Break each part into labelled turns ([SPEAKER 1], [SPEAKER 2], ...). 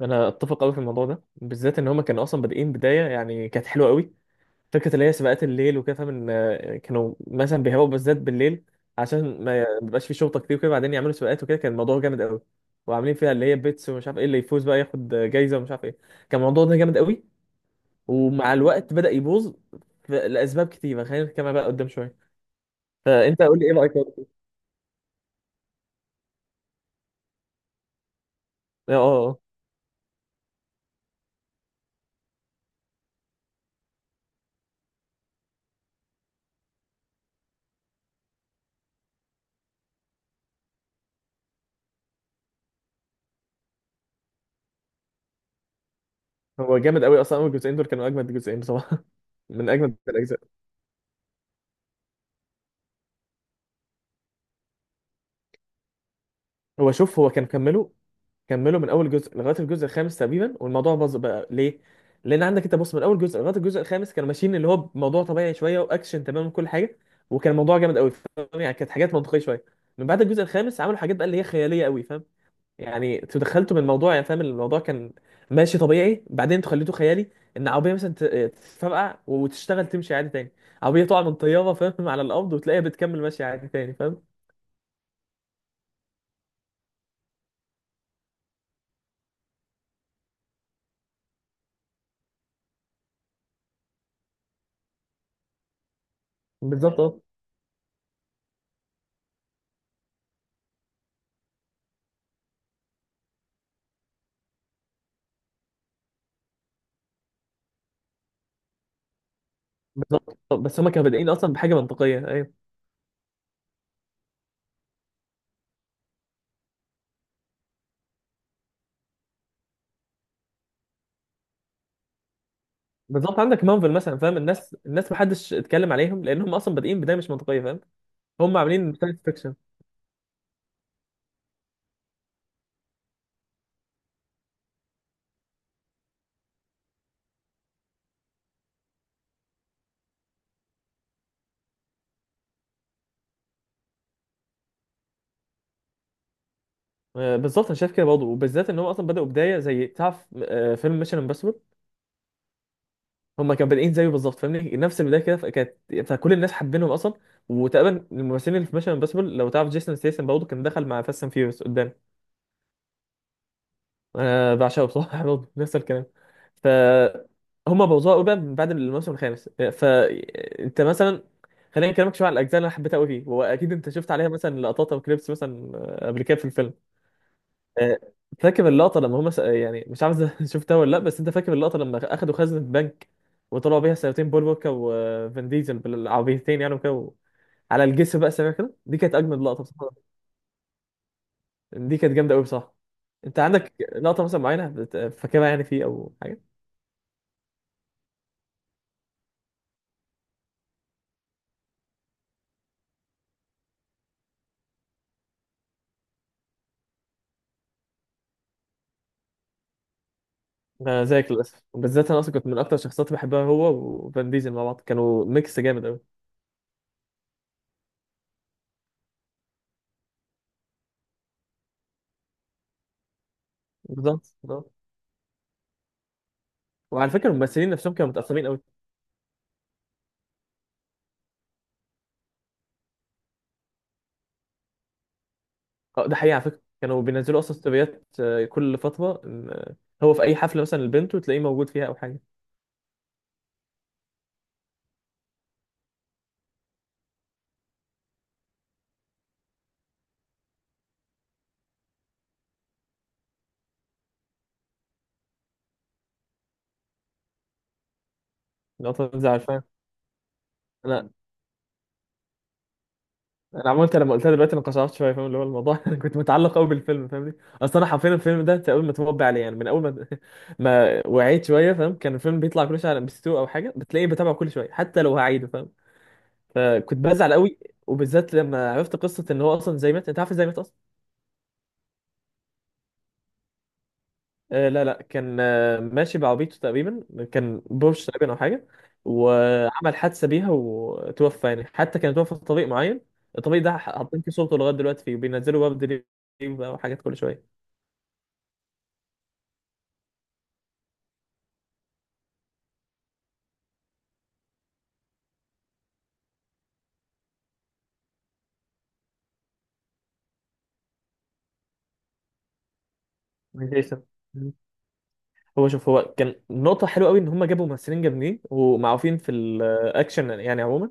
[SPEAKER 1] انا اتفق قوي في الموضوع ده بالذات، ان هما كانوا اصلا بادئين بدايه يعني كانت حلوه قوي. فكره اللي هي سباقات الليل وكده، فاهم ان كانوا مثلا بيهووا بالذات بالليل عشان ما يبقاش في شرطه كتير وكده، بعدين يعملوا سباقات وكده، كان الموضوع جامد قوي. وعاملين فيها اللي هي بيتس ومش عارف ايه، اللي يفوز بقى ياخد جايزه ومش عارف ايه. كان الموضوع ده جامد قوي، ومع الوقت بدا يبوظ لاسباب كتيره. خلينا نتكلم بقى قدام شويه. فانت قول لي ايه رايك. اه اه آه. هو جامد قوي اصلا، اول جزئين دول كانوا اجمد جزئين بصراحه. من اجمد الاجزاء. هو شوف، هو كان كمله، كملوا من اول جزء لغايه الجزء الخامس تقريبا، والموضوع باظ بقى. ليه؟ لان عندك انت بص، من اول جزء لغايه الجزء الخامس كانوا ماشيين اللي هو بموضوع طبيعي شويه، واكشن تمام وكل حاجه، وكان الموضوع جامد قوي، فاهم يعني؟ كانت حاجات منطقيه شويه. من بعد الجزء الخامس عملوا حاجات بقى اللي هي خياليه قوي، فاهم؟ يعني انتوا دخلتوا من الموضوع، يعني فاهم، الموضوع كان ماشي طبيعي، بعدين انتوا خليته خيالي. ان عربيه مثلا تتفرقع وتشتغل تمشي عادي تاني. عربيه تقع من طياره، فاهم، على الارض، وتلاقيها بتكمل ماشيه عادي تاني، فاهم. بالظبط اه. بالظبط آه. بس هما كانوا بادئين اصلا بحاجه منطقيه، ايوه بالظبط. عندك مارفل مثلا، فاهم، الناس محدش اتكلم عليهم لان هم اصلا بادئين بدايه مش منطقيه، فاهم. هم عاملين ساينس فيكشن. بالظبط، انا شايف كده برضه، وبالذات ان هم اصلا بداوا بدايه زي، تعرف، فيلم ميشن امبوسيبل. هم كانوا بادئين زيه بالظبط، فاهمني، نفس البدايه كده، فكانت فكل الناس حابينهم اصلا. وتقريبا الممثلين اللي في ميشن امبوسيبل، لو تعرف جيسون ستيسن برضه كان دخل مع فاست اند فيوريوس قدام. انا بعشقه بصراحه. برضه نفس الكلام. ف هما بوظوها قوي بقى من بعد الموسم الخامس. فانت مثلا، خلينا نكلمك شويه على الاجزاء اللي انا حبيتها قوي فيه. واكيد انت شفت عليها مثلا لقطات او كليبس مثلا قبل كده في الفيلم. آه، فاكر اللقطه لما هما يعني مش عارف إذا شفتها ولا لا، بس انت فاكر اللقطه لما اخدوا خزنه بنك وطلعوا بيها سيارتين، بول ووكر وفان ديزل بالعربيتين يعني، على الجسر بقى سريع كده، دي كانت اجمد لقطه بصراحه. دي كانت جامده قوي بصراحه. انت عندك لقطه مثلا معينه فاكرها يعني فيه، او حاجه؟ زيك للاسف، بالذات انا اصلا كنت من اكتر الشخصيات اللي بحبها هو وفان ديزل. مع بعض كانوا ميكس جامد قوي. بالظبط. وعلى فكره الممثلين نفسهم كانوا متقسمين قوي. ده حقيقه، على فكره كانوا بينزلوا اصلا ستوريات كل فتره إن، آه، هو في اي حفله مثلا لبنته تلاقيه موجود فيها، او حاجه. لو تنزل عارفها. انا انا عملت، لما قلتها دلوقتي انا قشعرت شويه، فاهم اللي هو الموضوع. انا كنت متعلق قوي بالفيلم، فاهمني. اصلا انا حرفيا الفيلم ده تقريبا متربي عليه، يعني من اول ما ما وعيت شويه، فاهم. كان الفيلم بيطلع كل شويه على ام بي 2 او حاجه، بتلاقيه بتابعه كل شويه حتى لو هعيده، فاهم. فكنت بزعل قوي، وبالذات لما عرفت قصه ان هو اصلا، زي مات، انت عارف ازاي مات اصلا. آه لا لا، كان آه ماشي بعربيته تقريبا، كان بورش تقريبا او حاجه. وعمل حادثه بيها وتوفى، يعني حتى كان توفى في طريق معين. الطريق ده حاطين فيه صورته لغايه دلوقتي فيه، وبينزلوا ورد ليه بقى وحاجات كل شويه. من جيسون. مم. هو شوف، هو كان نقطة حلوة قوي إن هما جابوا ممثلين جامدين ومعروفين في الأكشن يعني عموما.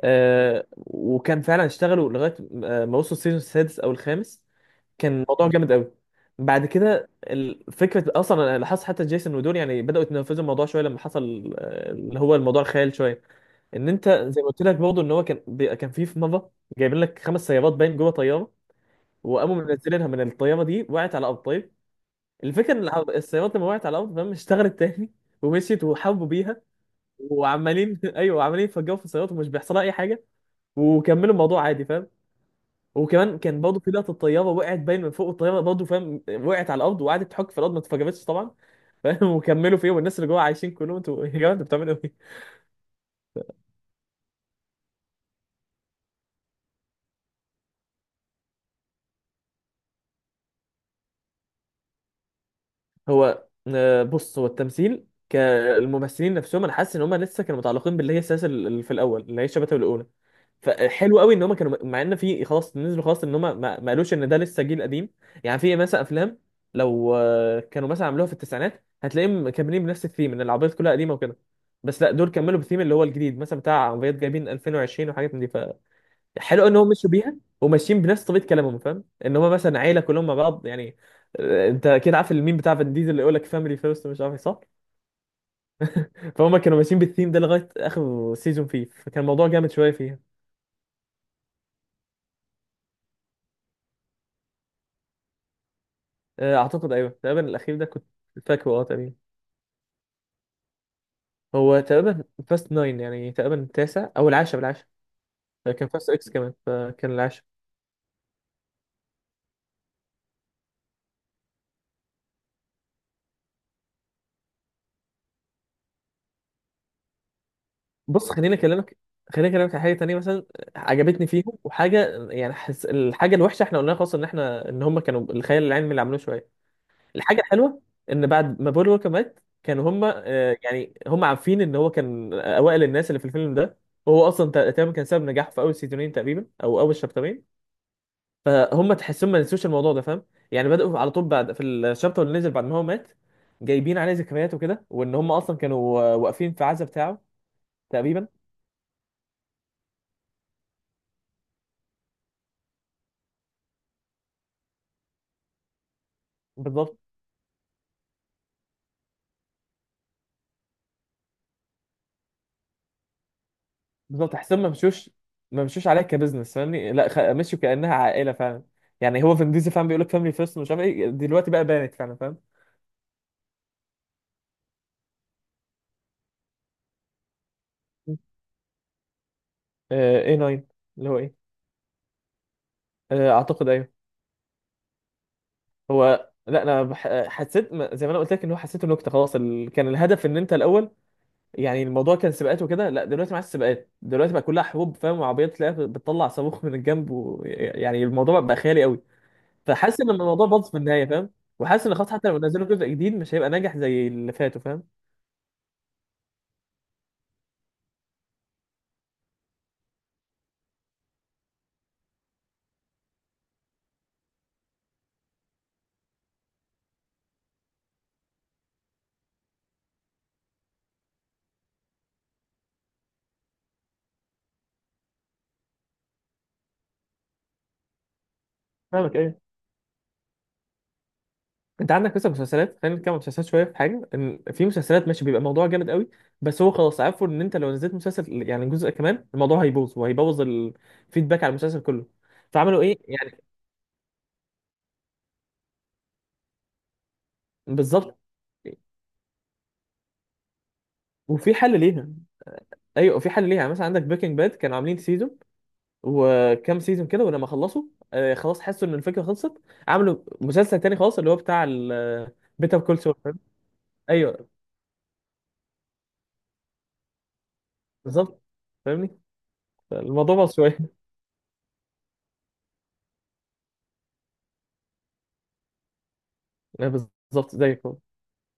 [SPEAKER 1] وكان فعلا اشتغلوا لغاية ما وصلوا السيزون السادس أو الخامس، كان الموضوع جامد قوي. بعد كده فكره، اصلا انا لاحظت حتى جيسون ودول يعني بداوا يتنفذوا الموضوع شويه، لما حصل اللي هو الموضوع الخيال شويه. ان انت زي ما قلت لك برضه ان هو كان في مره جايبين لك خمس سيارات باين جوه طياره، وقاموا منزلينها من الطياره، دي وقعت على الارض، طيب. الفكره ان السيارات لما وقعت على الارض، فاهم، اشتغلت تاني ومشيت وحاربوا بيها، وعمالين ايوه عمالين يفجروا في السيارات ومش بيحصلها اي حاجه، وكملوا الموضوع عادي، فاهم. وكمان كان برضه في لقطه الطياره، وقعت باين من فوق الطياره برضه، فاهم، وقعت على الارض وقعدت تحك في الارض، ما اتفجرتش طبعا، فاهم. وكملوا فيه، والناس اللي جوه عايشين كلهم. انتوا يا جماعه انتوا بتعملوا ايه؟ هو بص، هو التمثيل كالممثلين نفسهم، انا حاسس ان هم لسه كانوا متعلقين باللي هي السلاسل اللي في الاول، اللي هي الشبكه الاولى. فحلو قوي ان هم كانوا، مع ان في خلاص نزلوا خلاص، ان هم ما قالوش ان ده لسه جيل قديم. يعني في مثلا افلام لو كانوا مثلا عملوها في التسعينات، هتلاقيهم مكملين بنفس الثيم، ان العربيات كلها قديمه وكده. بس لا، دول كملوا بالثيم اللي هو الجديد، مثلا بتاع عربيات جايبين 2020 وحاجات من دي. فحلو ان هم مشوا بيها وماشيين بنفس طريقه كلامهم، فاهم، ان هم مثلا عيله كلهم مع بعض يعني. انت كده عارف الميم بتاع فان ديزل اللي يقول لك فاميلي فيرست، مش عارف إيه، صح. فهم كانوا ماشيين بالثيم ده لغايه اخر سيزون فيه، فكان الموضوع جامد شويه فيها. اعتقد ايوه، تقريبا الاخير ده كنت فاكره اه تقريبا. هو تقريبا فاست ناين، يعني تقريبا التاسع او العاشر، العاشر. كان فاست اكس كمان، فكان العاشر. بص خليني اكلمك، خليني اكلمك على حاجه تانية مثلا عجبتني فيهم وحاجه يعني الحاجه الوحشه احنا قلنا خلاص، ان احنا ان هم كانوا الخيال العلمي اللي عملوه شويه. الحاجه الحلوه ان بعد ما بول ووكر مات، كانوا هم يعني هم عارفين ان هو كان اوائل الناس اللي في الفيلم ده، وهو اصلا تقريبا كان سبب نجاحه في اول سيزونين تقريبا، او اول شابترين. فهم تحسهم ما نسوش الموضوع ده، فاهم. يعني بدأوا على طول بعد، في الشابتر اللي نزل بعد ما هو مات جايبين عليه ذكريات وكده، وان هم اصلا كانوا واقفين في عزا بتاعه تقريبا. بالظبط بالظبط. تحسهم ما مشوش، ما مشوش عليها كبزنس، فاهمني، لا مشوا كأنها عائلة فعلا. يعني هو فين ديزل، فاهم، بيقول لك فاميلي فيرست، مش عارف ايه، دلوقتي بقى بانت فعلا، فاهم. اي 9، اللي هو ايه. اعتقد ايوه. هو لا، انا حسيت زي ما انا قلت لك، ان هو حسيته نكته خلاص. كان الهدف ان انت الاول يعني الموضوع كان سباقات وكده، لا دلوقتي مع السباقات دلوقتي بقى كلها حروب، فاهم، وعربيات تلاقيها بتطلع صاروخ من الجنب يعني الموضوع بقى خيالي قوي. فحاسس ان الموضوع باظ في النهايه، فاهم. وحاسس ان خلاص، حتى لو نزلوا جزء جديد، مش هيبقى ناجح زي اللي فاتوا، فاهم. فاهمك ايه. انت عندك مثلا مسلسلات، خلينا نتكلم عن مسلسلات شويه، في حاجه ان في مسلسلات ماشي بيبقى الموضوع جامد قوي. بس هو خلاص عارفه ان انت لو نزلت مسلسل، يعني جزء كمان، الموضوع هيبوظ، وهيبوظ الفيدباك على المسلسل كله. فعملوا ايه يعني. بالظبط. وفي حل ليها، ايوه في حل ليها. مثلا عندك بريكنج باد، كانوا عاملين سيزون وكام سيزون كده، ولما خلصوا آه خلاص، حسوا ان الفكره خلصت، عملوا مسلسل تاني خالص اللي هو بتاع بيتر كول سول. ايوه بالظبط، فاهمني. الموضوع بس شويه. بالظبط زيك.